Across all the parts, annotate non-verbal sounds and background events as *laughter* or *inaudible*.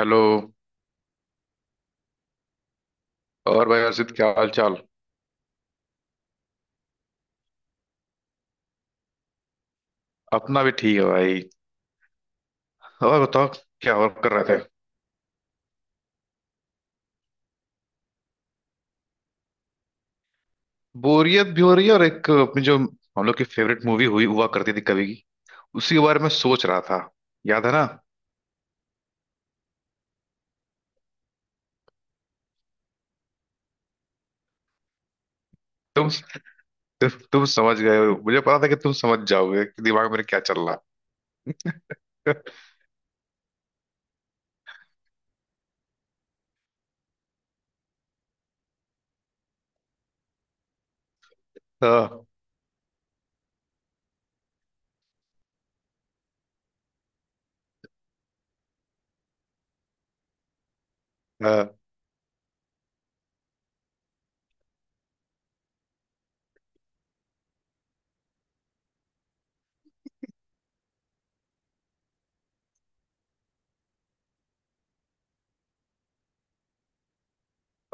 Hello. और भाई अर्षित, क्या हाल चाल? अपना भी ठीक है भाई। और बताओ, क्या और कर रहे थे? बोरियत भी हो रही है, और एक अपनी जो हम लोग की फेवरेट मूवी हुई हुआ करती थी कभी की, उसी के बारे में सोच रहा था। याद है ना? तुम। तुम समझ गए हो, मुझे पता था कि तुम समझ जाओगे कि दिमाग मेरे क्या चल रहा है। *laughs* हाँ। हाँ।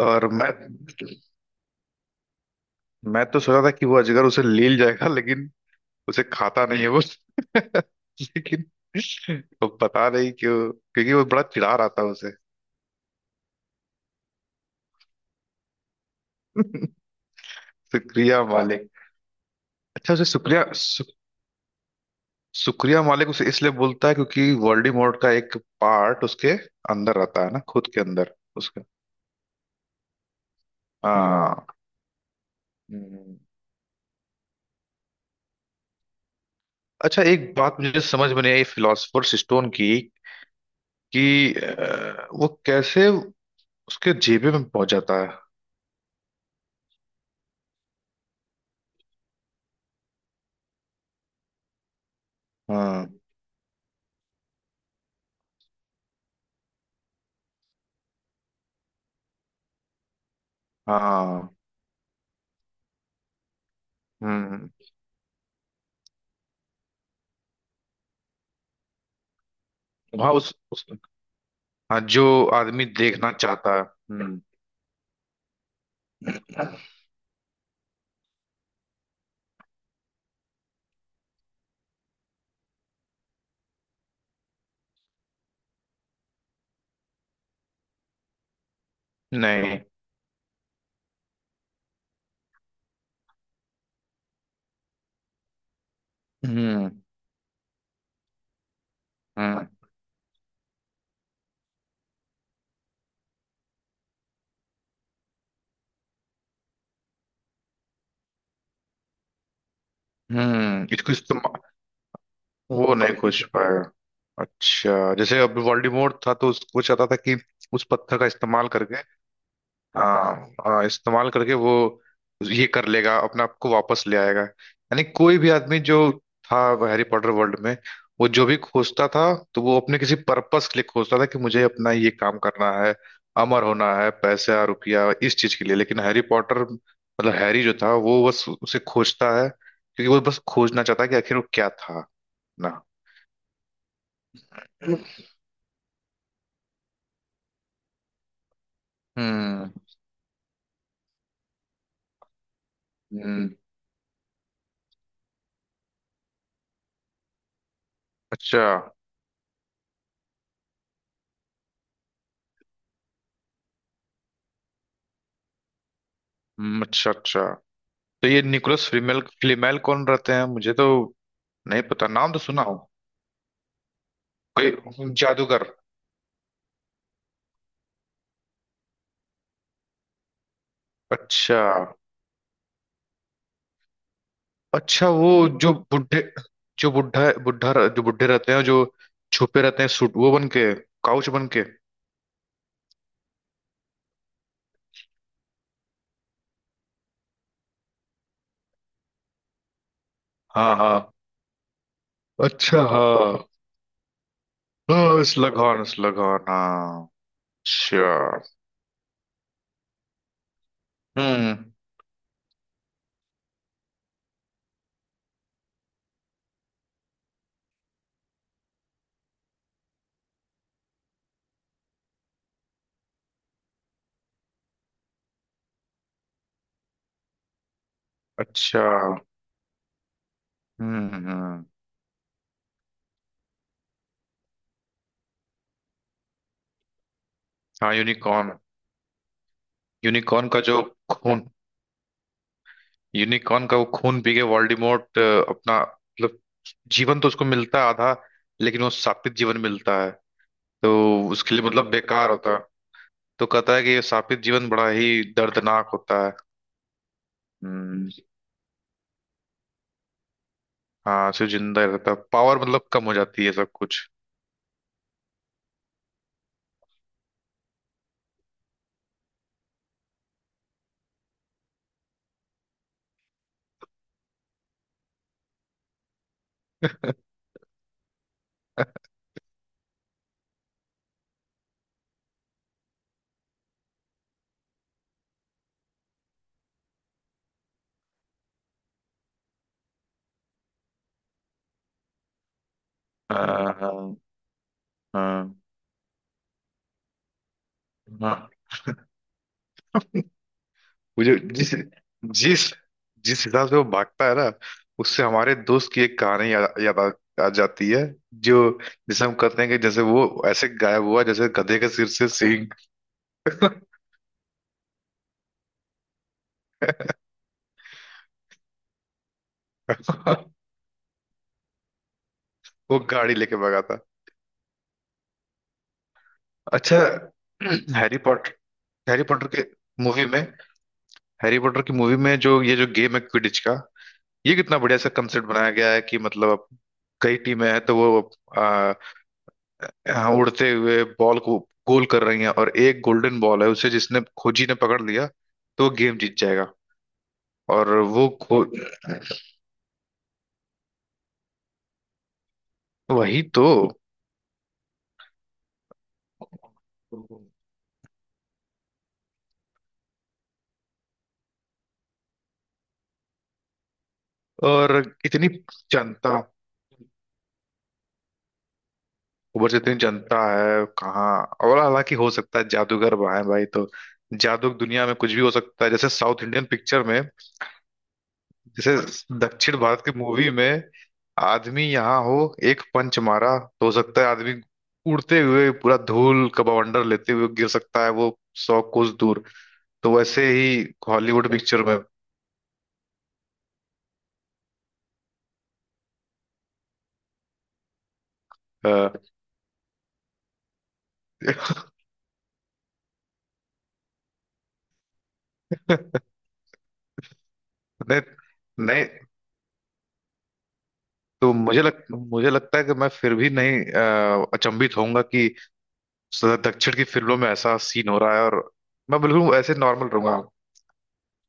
और मैं तो सोचा था कि वो अजगर उसे ले जाएगा, लेकिन उसे खाता नहीं है वो। *laughs* लेकिन वो पता नहीं क्यों, क्योंकि वो बड़ा चिढ़ा रहा था उसे। सुक्रिया मालिक। अच्छा, उसे सुक्रिया मालिक उसे इसलिए बोलता है क्योंकि वोल्डेमॉर्ट का एक पार्ट उसके अंदर रहता है ना, खुद के अंदर उसके। हाँ। हाँ। हम्म। अच्छा, एक बात मुझे समझ में नहीं आई फिलोसफर्स स्टोन की, कि वो कैसे उसके जेबे में पहुंच जाता है। हाँ। हाँ। हम्म। वहाँ उस हाँ, जो आदमी देखना चाहता है। हम्म। नहीं। हम्म। हम्म। हम्म, इसको इस्तेमाल वो नहीं खोज पाया। अच्छा, जैसे अब वोल्डेमॉर्ट था, तो उसको चाहता था कि उस पत्थर का इस्तेमाल करके। हाँ हाँ, इस्तेमाल करके वो ये कर लेगा, अपने आप को वापस ले आएगा। यानी कोई भी आदमी जो था हैरी पॉटर वर्ल्ड में, वो जो भी खोजता था तो वो अपने किसी पर्पस के लिए खोजता था, कि मुझे अपना ये काम करना है, अमर होना है, पैसा रुपया इस चीज के लिए। लेकिन हैरी पॉटर, मतलब हैरी जो था, वो बस उसे खोजता है, क्योंकि वो बस खोजना चाहता है कि आखिर वो क्या था ना। हम्म। हम्म, अच्छा। अच्छा अच्छा। तो ये निकोलस फ्लीमेल फ्लीमेल कौन रहते हैं, मुझे तो नहीं पता, नाम तो सुना हो। कोई जादूगर? अच्छा। अच्छा, वो जो बुढ़े। जो बुढ़ा बुढ़ा जो बुढ़े रहते हैं, जो छुपे रहते हैं, सूट वो बन के, काउच बन के। हाँ हाँ। अच्छा। हाँ। हाँ स्लगॉन स्लगॉन, हाँ। अच्छा। हम्म। अच्छा। हम्म। हम्म। हाँ यूनिकॉर्न। यूनिकॉर्न का जो खून। यूनिकॉर्न का वो खून पी के वोल्डेमॉर्ट अपना, मतलब जीवन तो उसको मिलता है आधा, लेकिन वो शापित जीवन मिलता है। तो उसके लिए मतलब बेकार होता है, तो कहता है कि ये शापित जीवन बड़ा ही दर्दनाक होता है। हम्म। हाँ सिर्फ जिंदा ही रहता है, पावर मतलब कम हो जाती है सब कुछ। हाँ। हाँ हाँ। वो जो जिस जिस जिस हिसाब से वो भागता है ना, उससे हमारे दोस्त की एक कहानी याद याद आ जाती है। जो जिसे हम कहते हैं कि जैसे वो ऐसे गायब हुआ जैसे गधे के सिर से सींग। *laughs* वो गाड़ी लेके भागा था। अच्छा। हैरी पॉटर हैरी पॉटर के मूवी में हैरी पॉटर की मूवी में जो, ये जो गेम है क्विडिच का, ये कितना बढ़िया सा कंसेप्ट बनाया गया है। कि मतलब अब कई टीमें हैं तो वो, हाँ, उड़ते हुए बॉल को गोल कर रही हैं, और एक गोल्डन बॉल है, उसे जिसने खोजी ने पकड़ लिया तो वो गेम जीत जाएगा। और वो खो वही तो। और इतनी जनता, ऊपर से इतनी जनता है कहाँ? और हालांकि हो सकता है, जादूगर वहाँ है भाई, तो जादू की दुनिया में कुछ भी हो सकता है, जैसे साउथ इंडियन पिक्चर में। जैसे दक्षिण भारत की मूवी में आदमी यहाँ हो, एक पंच मारा तो हो सकता है आदमी उड़ते हुए, पूरा धूल का बवंडर लेते हुए, गिर सकता है वो सौ कोस दूर। तो वैसे ही हॉलीवुड पिक्चर में। अ, *laughs* नहीं। नहीं। तो मुझे लगता है कि मैं फिर भी नहीं, अचंभित होऊंगा कि दक्षिण की फिल्मों में ऐसा सीन हो रहा है, और मैं बिल्कुल ऐसे नॉर्मल रहूंगा।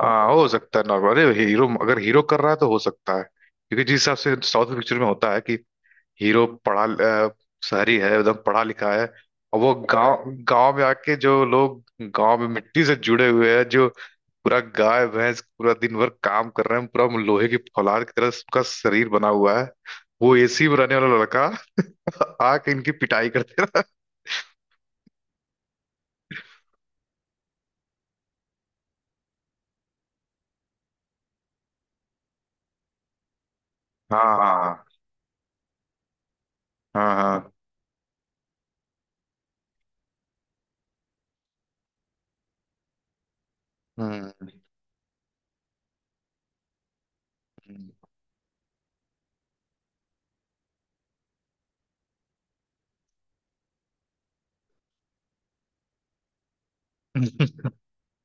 हाँ, हो सकता है नॉर्मल, अरे हीरो, अगर हीरो कर रहा है तो हो सकता है, क्योंकि जिस हिसाब से साउथ पिक्चर में होता है कि हीरो पढ़ा, अ, शहरी है, एकदम पढ़ा लिखा है, और वो गांव गांव में आके, जो लोग गांव में मिट्टी से जुड़े हुए हैं, जो पूरा गाय भैंस पूरा दिन भर काम कर रहे हैं, पूरा लोहे की फौलाद की तरह उसका शरीर बना हुआ है, वो एसी में रहने वाला लड़का *laughs* आके इनकी पिटाई करते रहा। हाँ। हाँ। हाँ। हाँ। हम्म। *laughs* हम्म।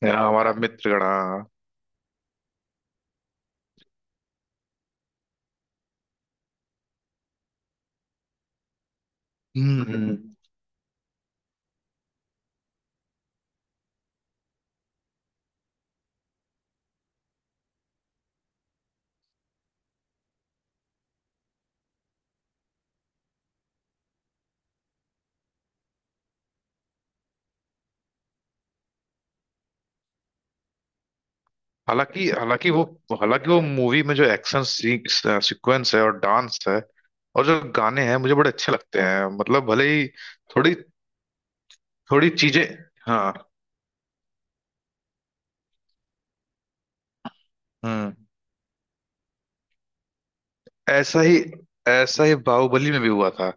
यहाँ हमारा मित्रगण, हाँ। हम्म। हम्म। हालांकि हालांकि वो मूवी में जो एक्शन सीक्वेंस है, और डांस है, और जो गाने हैं, मुझे बड़े अच्छे लगते हैं, मतलब भले ही थोड़ी थोड़ी चीजें। हाँ। हम्म। ऐसा ही ऐसा ही बाहुबली में भी हुआ था।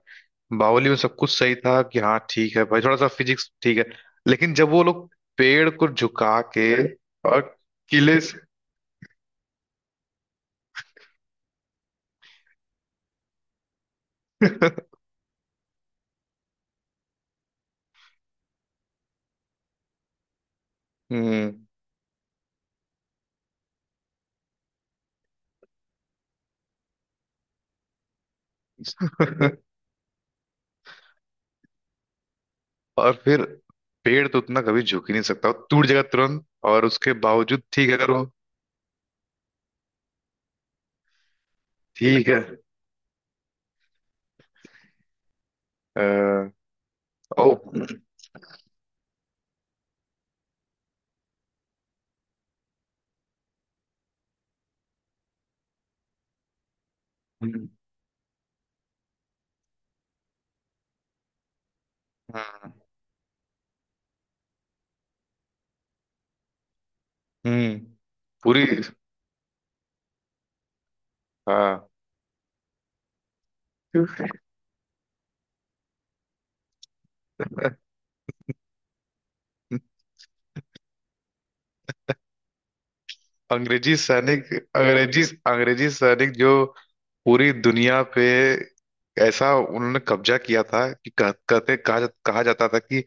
बाहुबली में सब कुछ सही था कि हाँ ठीक है भाई, थोड़ा सा फिजिक्स ठीक है, लेकिन जब वो लोग पेड़ को झुका के, और किले से। *laughs* हम्म। *laughs* और फिर पेड़ तो उतना कभी झुक ही नहीं सकता, वो टूट जाएगा तुरंत, और उसके बावजूद ठीक है अगर वो। ठीक है। अ, ओ। हाँ। हम्म। पूरी। हाँ। *laughs* अंग्रेजी सैनिक, अंग्रेजी अंग्रेजी सैनिक, जो पूरी दुनिया पे ऐसा उन्होंने कब्जा किया था कि कह, कहते कहा, जा, कहा जाता था कि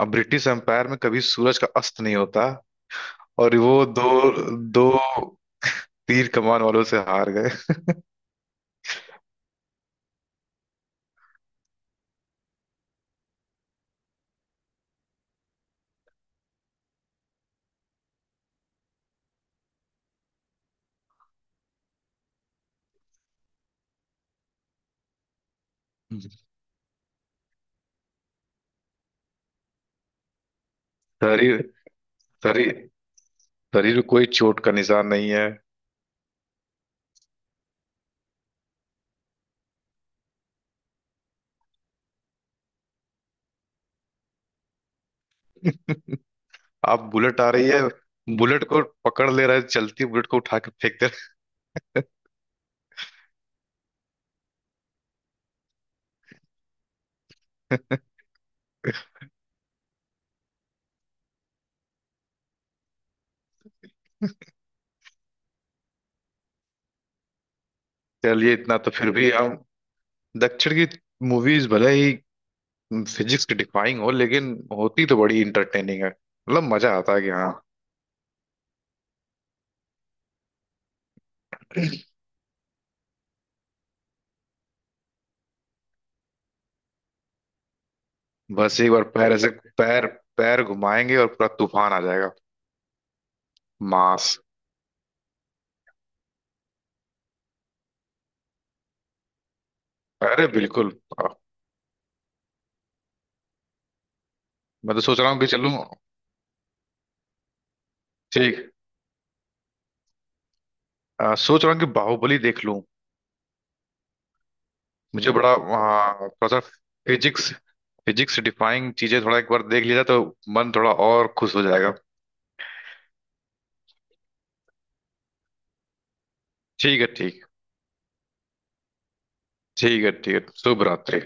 अब ब्रिटिश एम्पायर में कभी सूरज का अस्त नहीं होता, और वो दो दो तीर कमान वालों से हार गए। शरीर शरीर शरीर में कोई चोट का निशान नहीं है, आप बुलेट आ रही है, बुलेट को पकड़ ले रहे, चलती बुलेट को उठा के फेंक दे रहे। *laughs* चलिए, इतना तो फिर भी हम, दक्षिण की मूवीज भले ही फिजिक्स की डिफाइंग हो, लेकिन होती तो बड़ी इंटरटेनिंग है, मतलब मजा आता है कि हाँ, बस एक बार पैर ऐसे, पैर पैर घुमाएंगे और पूरा तूफान आ जाएगा। मास। अरे बिल्कुल। मैं तो सोच रहा हूँ कि चलूं। ठीक। सोच रहा हूँ कि बाहुबली देख लूं। मुझे बड़ा हाँ, थोड़ा सा फिजिक्स फिजिक्स से डिफाइंग चीजें थोड़ा एक बार देख लिया जाए तो मन थोड़ा और खुश हो जाएगा। ठीक है। ठीक। ठीक है। ठीक है। शुभ रात्रि।